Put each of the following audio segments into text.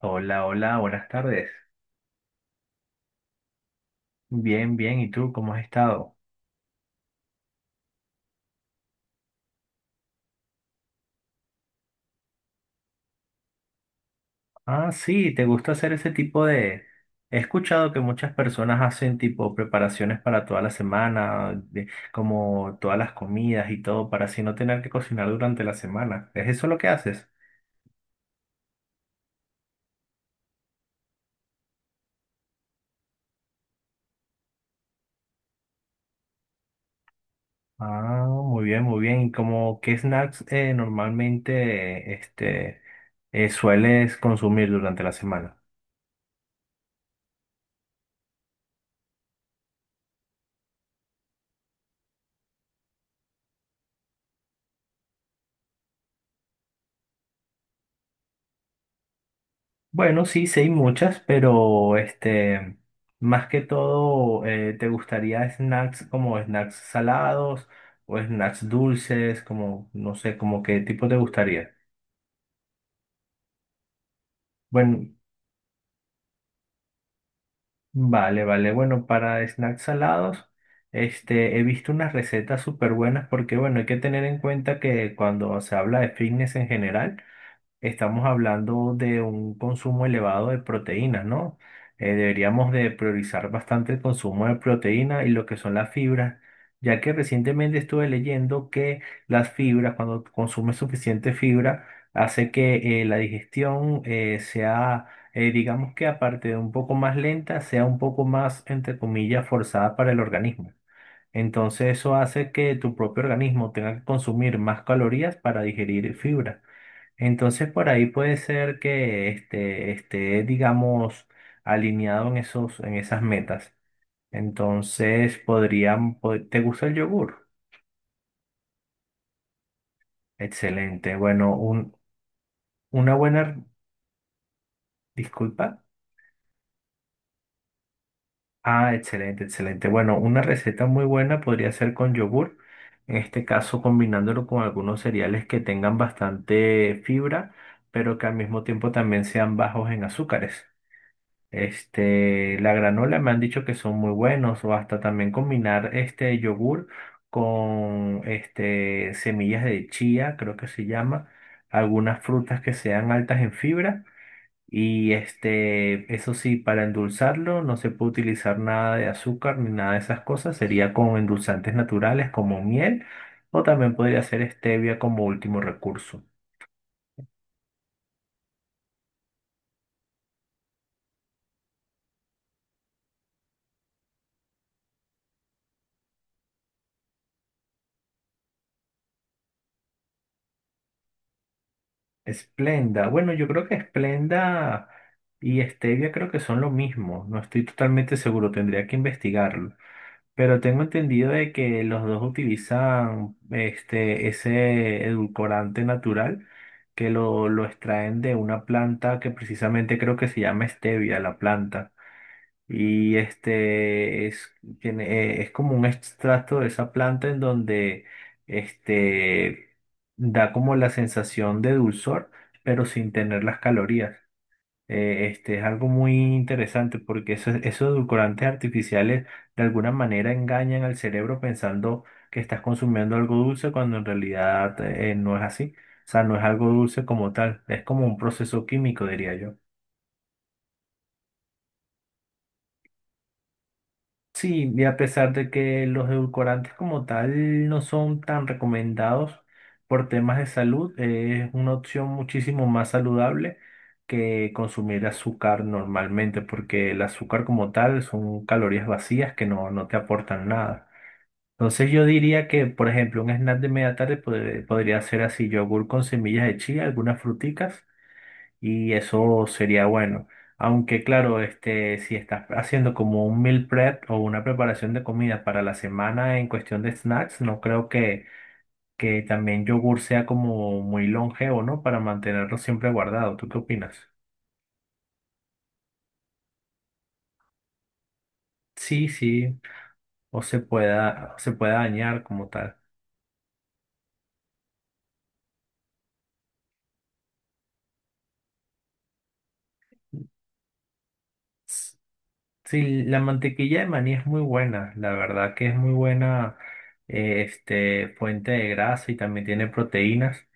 Hola, hola, buenas tardes. Bien, bien, ¿y tú cómo has estado? Ah, sí, ¿te gusta hacer ese tipo de... He escuchado que muchas personas hacen tipo preparaciones para toda la semana, como todas las comidas y todo, para así no tener que cocinar durante la semana. ¿Es eso lo que haces? Ah, muy bien, muy bien. ¿Y como qué snacks normalmente sueles consumir durante la semana? Bueno, sí, sí hay muchas, pero más que todo, ¿te gustaría snacks como snacks salados o snacks dulces? Como, no sé, como qué tipo te gustaría. Bueno, vale, vale. Bueno, para snacks salados, he visto unas recetas súper buenas porque, bueno, hay que tener en cuenta que cuando se habla de fitness en general, estamos hablando de un consumo elevado de proteínas, ¿no? Deberíamos de priorizar bastante el consumo de proteína y lo que son las fibras, ya que recientemente estuve leyendo que las fibras, cuando consumes suficiente fibra, hace que la digestión sea, digamos que aparte de un poco más lenta, sea un poco más, entre comillas, forzada para el organismo. Entonces eso hace que tu propio organismo tenga que consumir más calorías para digerir fibra. Entonces por ahí puede ser que esté, digamos, alineado en esos, en esas metas. Entonces podrían, ¿te gusta el yogur? Excelente. Bueno, un, una buena, disculpa. Ah, excelente, excelente. Bueno, una receta muy buena podría ser con yogur. En este caso, combinándolo con algunos cereales que tengan bastante fibra, pero que al mismo tiempo también sean bajos en azúcares. Este, la granola me han dicho que son muy buenos o hasta también combinar este yogur con este semillas de chía, creo que se llama, algunas frutas que sean altas en fibra y este, eso sí, para endulzarlo no se puede utilizar nada de azúcar ni nada de esas cosas, sería con endulzantes naturales como miel o también podría ser stevia como último recurso. Splenda. Bueno, yo creo que Splenda y Stevia creo que son lo mismo. No estoy totalmente seguro, tendría que investigarlo. Pero tengo entendido de que los dos utilizan ese edulcorante natural que lo extraen de una planta que precisamente creo que se llama Stevia, la planta. Y este es, tiene, es como un extracto de esa planta en donde este, da como la sensación de dulzor, pero sin tener las calorías. Este es algo muy interesante porque esos edulcorantes artificiales de alguna manera engañan al cerebro pensando que estás consumiendo algo dulce cuando en realidad no es así. O sea, no es algo dulce como tal, es como un proceso químico, diría yo. Sí, y a pesar de que los edulcorantes como tal no son tan recomendados por temas de salud, es una opción muchísimo más saludable que consumir azúcar normalmente, porque el azúcar como tal son calorías vacías que no te aportan nada. Entonces yo diría que, por ejemplo, un snack de media tarde podría ser así, yogur con semillas de chía, algunas fruticas y eso sería bueno. Aunque claro, si estás haciendo como un meal prep o una preparación de comida para la semana en cuestión de snacks, no creo que también yogur sea como muy longevo, ¿no? Para mantenerlo siempre guardado. ¿Tú qué opinas? Sí, sí, o se pueda dañar como tal. S- Sí, la mantequilla de maní es muy buena, la verdad que es muy buena, fuente de grasa y también tiene proteínas.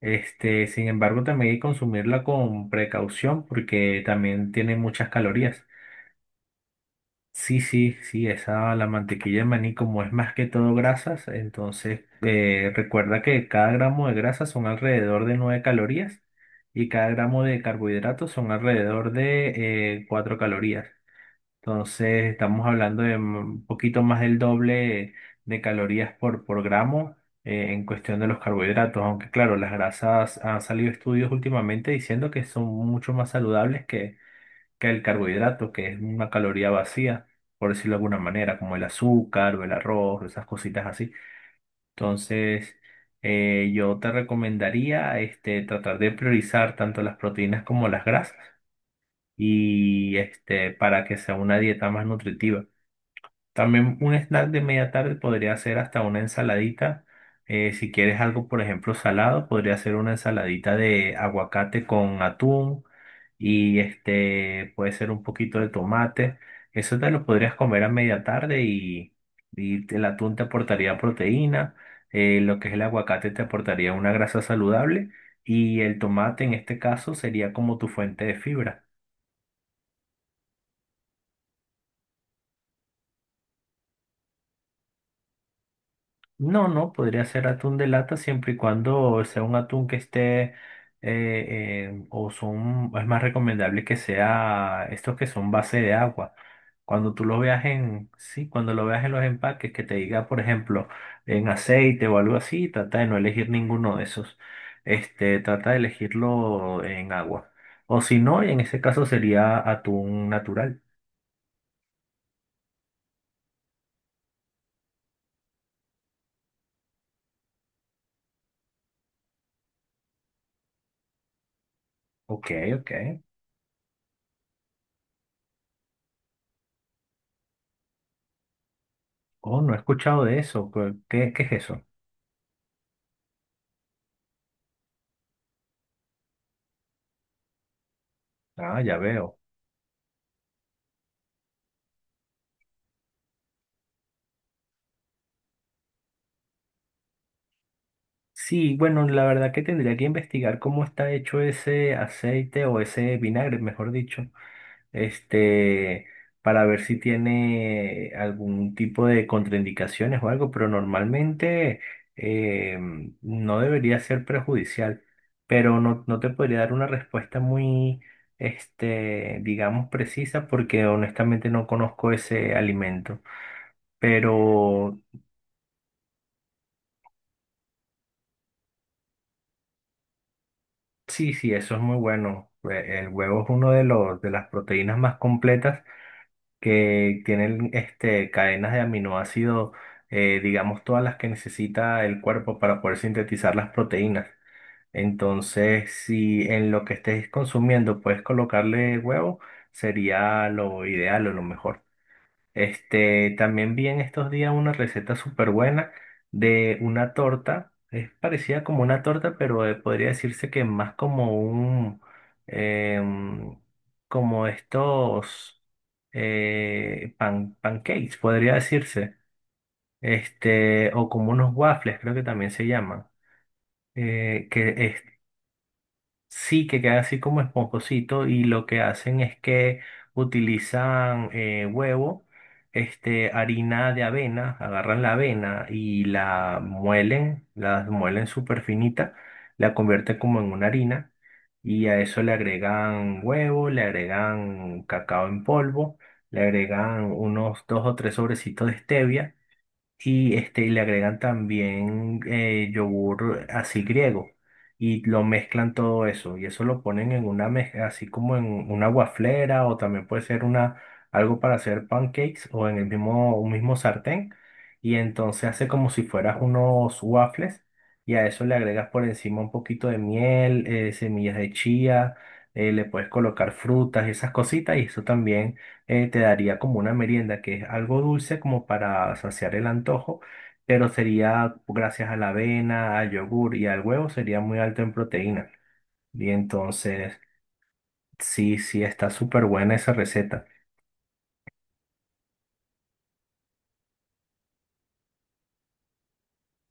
Este, sin embargo, también hay que consumirla con precaución porque también tiene muchas calorías. Sí, sí, sí, esa, la mantequilla de maní, como es más que todo grasas, entonces recuerda que cada gramo de grasa son alrededor de 9 calorías y cada gramo de carbohidratos son alrededor de 4 calorías. Entonces, estamos hablando de un poquito más del doble de calorías por gramo en cuestión de los carbohidratos, aunque claro, las grasas han salido estudios últimamente diciendo que son mucho más saludables que el carbohidrato, que es una caloría vacía, por decirlo de alguna manera, como el azúcar o el arroz, esas cositas así. Entonces, yo te recomendaría tratar de priorizar tanto las proteínas como las grasas y este, para que sea una dieta más nutritiva. También un snack de media tarde podría ser hasta una ensaladita. Si quieres algo, por ejemplo, salado, podría ser una ensaladita de aguacate con atún y este puede ser un poquito de tomate. Eso te lo podrías comer a media tarde y el atún te aportaría proteína, lo que es el aguacate te aportaría una grasa saludable y el tomate en este caso sería como tu fuente de fibra. No, no, podría ser atún de lata siempre y cuando sea un atún que esté, o son, es más recomendable que sea estos que son base de agua. Cuando tú lo veas en, sí, cuando lo veas en los empaques, que te diga, por ejemplo, en aceite o algo así, trata de no elegir ninguno de esos. Este, trata de elegirlo en agua. O si no, en ese caso sería atún natural. Ok, ok. Oh, no he escuchado de eso. ¿Qué, qué es eso? Ah, ya veo. Sí, bueno, la verdad que tendría que investigar cómo está hecho ese aceite o ese vinagre, mejor dicho, este, para ver si tiene algún tipo de contraindicaciones o algo, pero normalmente eh, no debería ser perjudicial, pero no te podría dar una respuesta muy, digamos, precisa porque honestamente no conozco ese alimento. Pero sí, sí, eso es muy bueno. El huevo es uno de los de las proteínas más completas que tienen este cadenas de aminoácidos, digamos todas las que necesita el cuerpo para poder sintetizar las proteínas. Entonces, si en lo que estés consumiendo puedes colocarle huevo, sería lo ideal o lo mejor. Este, también vi en estos días una receta súper buena de una torta. Es parecida como una torta, pero podría decirse que más como un, em, como estos pancakes, podría decirse. Este, o como unos waffles, creo que también se llaman. Que Sí, que queda así como esponjosito y lo que hacen es que utilizan huevo, harina de avena, agarran la avena y la muelen súper finita, la convierten como en una harina y a eso le agregan huevo, le agregan cacao en polvo, le agregan unos dos o tres sobrecitos de stevia y le agregan también yogur así griego y lo mezclan todo eso y eso lo ponen en una mezcla así como en una waflera o también puede ser una algo para hacer pancakes o en el mismo un mismo sartén y entonces hace como si fueras unos waffles y a eso le agregas por encima un poquito de miel, semillas de chía, le puedes colocar frutas y esas cositas y eso también te daría como una merienda que es algo dulce como para saciar el antojo, pero sería gracias a la avena, al yogur y al huevo sería muy alto en proteína. Y entonces, sí, sí, está súper buena esa receta.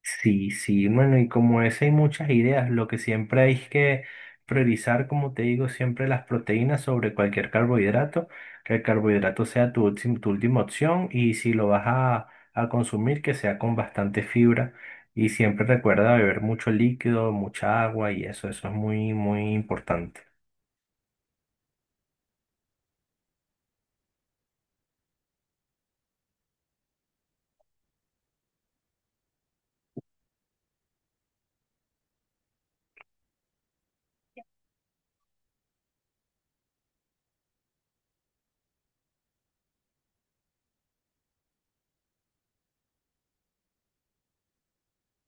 Sí, sí, bueno, y como es, hay muchas ideas. Lo que siempre hay es que priorizar, como te digo, siempre las proteínas sobre cualquier carbohidrato, que el carbohidrato sea tu última opción y si lo vas a consumir, que sea con bastante fibra. Y siempre recuerda beber mucho líquido, mucha agua y eso es muy, muy importante.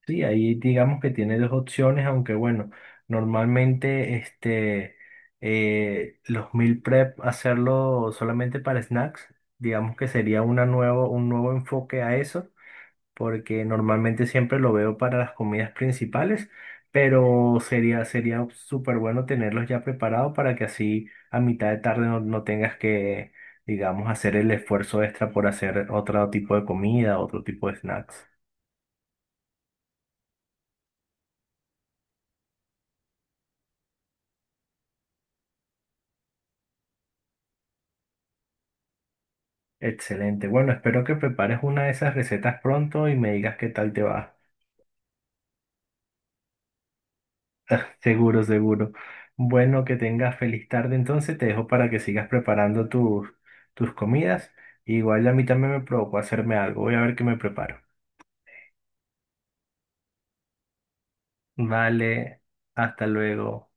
Sí, ahí digamos que tiene dos opciones, aunque bueno, normalmente los meal prep hacerlo solamente para snacks, digamos que sería un nuevo enfoque a eso, porque normalmente siempre lo veo para las comidas principales, pero sería súper bueno tenerlos ya preparados para que así a mitad de tarde no tengas digamos, hacer el esfuerzo extra por hacer otro tipo de comida, otro tipo de snacks. Excelente. Bueno, espero que prepares una de esas recetas pronto y me digas qué tal te va. Seguro, seguro. Bueno, que tengas feliz tarde. Entonces te dejo para que sigas preparando tus comidas. Igual a mí también me provocó hacerme algo. Voy a ver qué me preparo. Vale, hasta luego.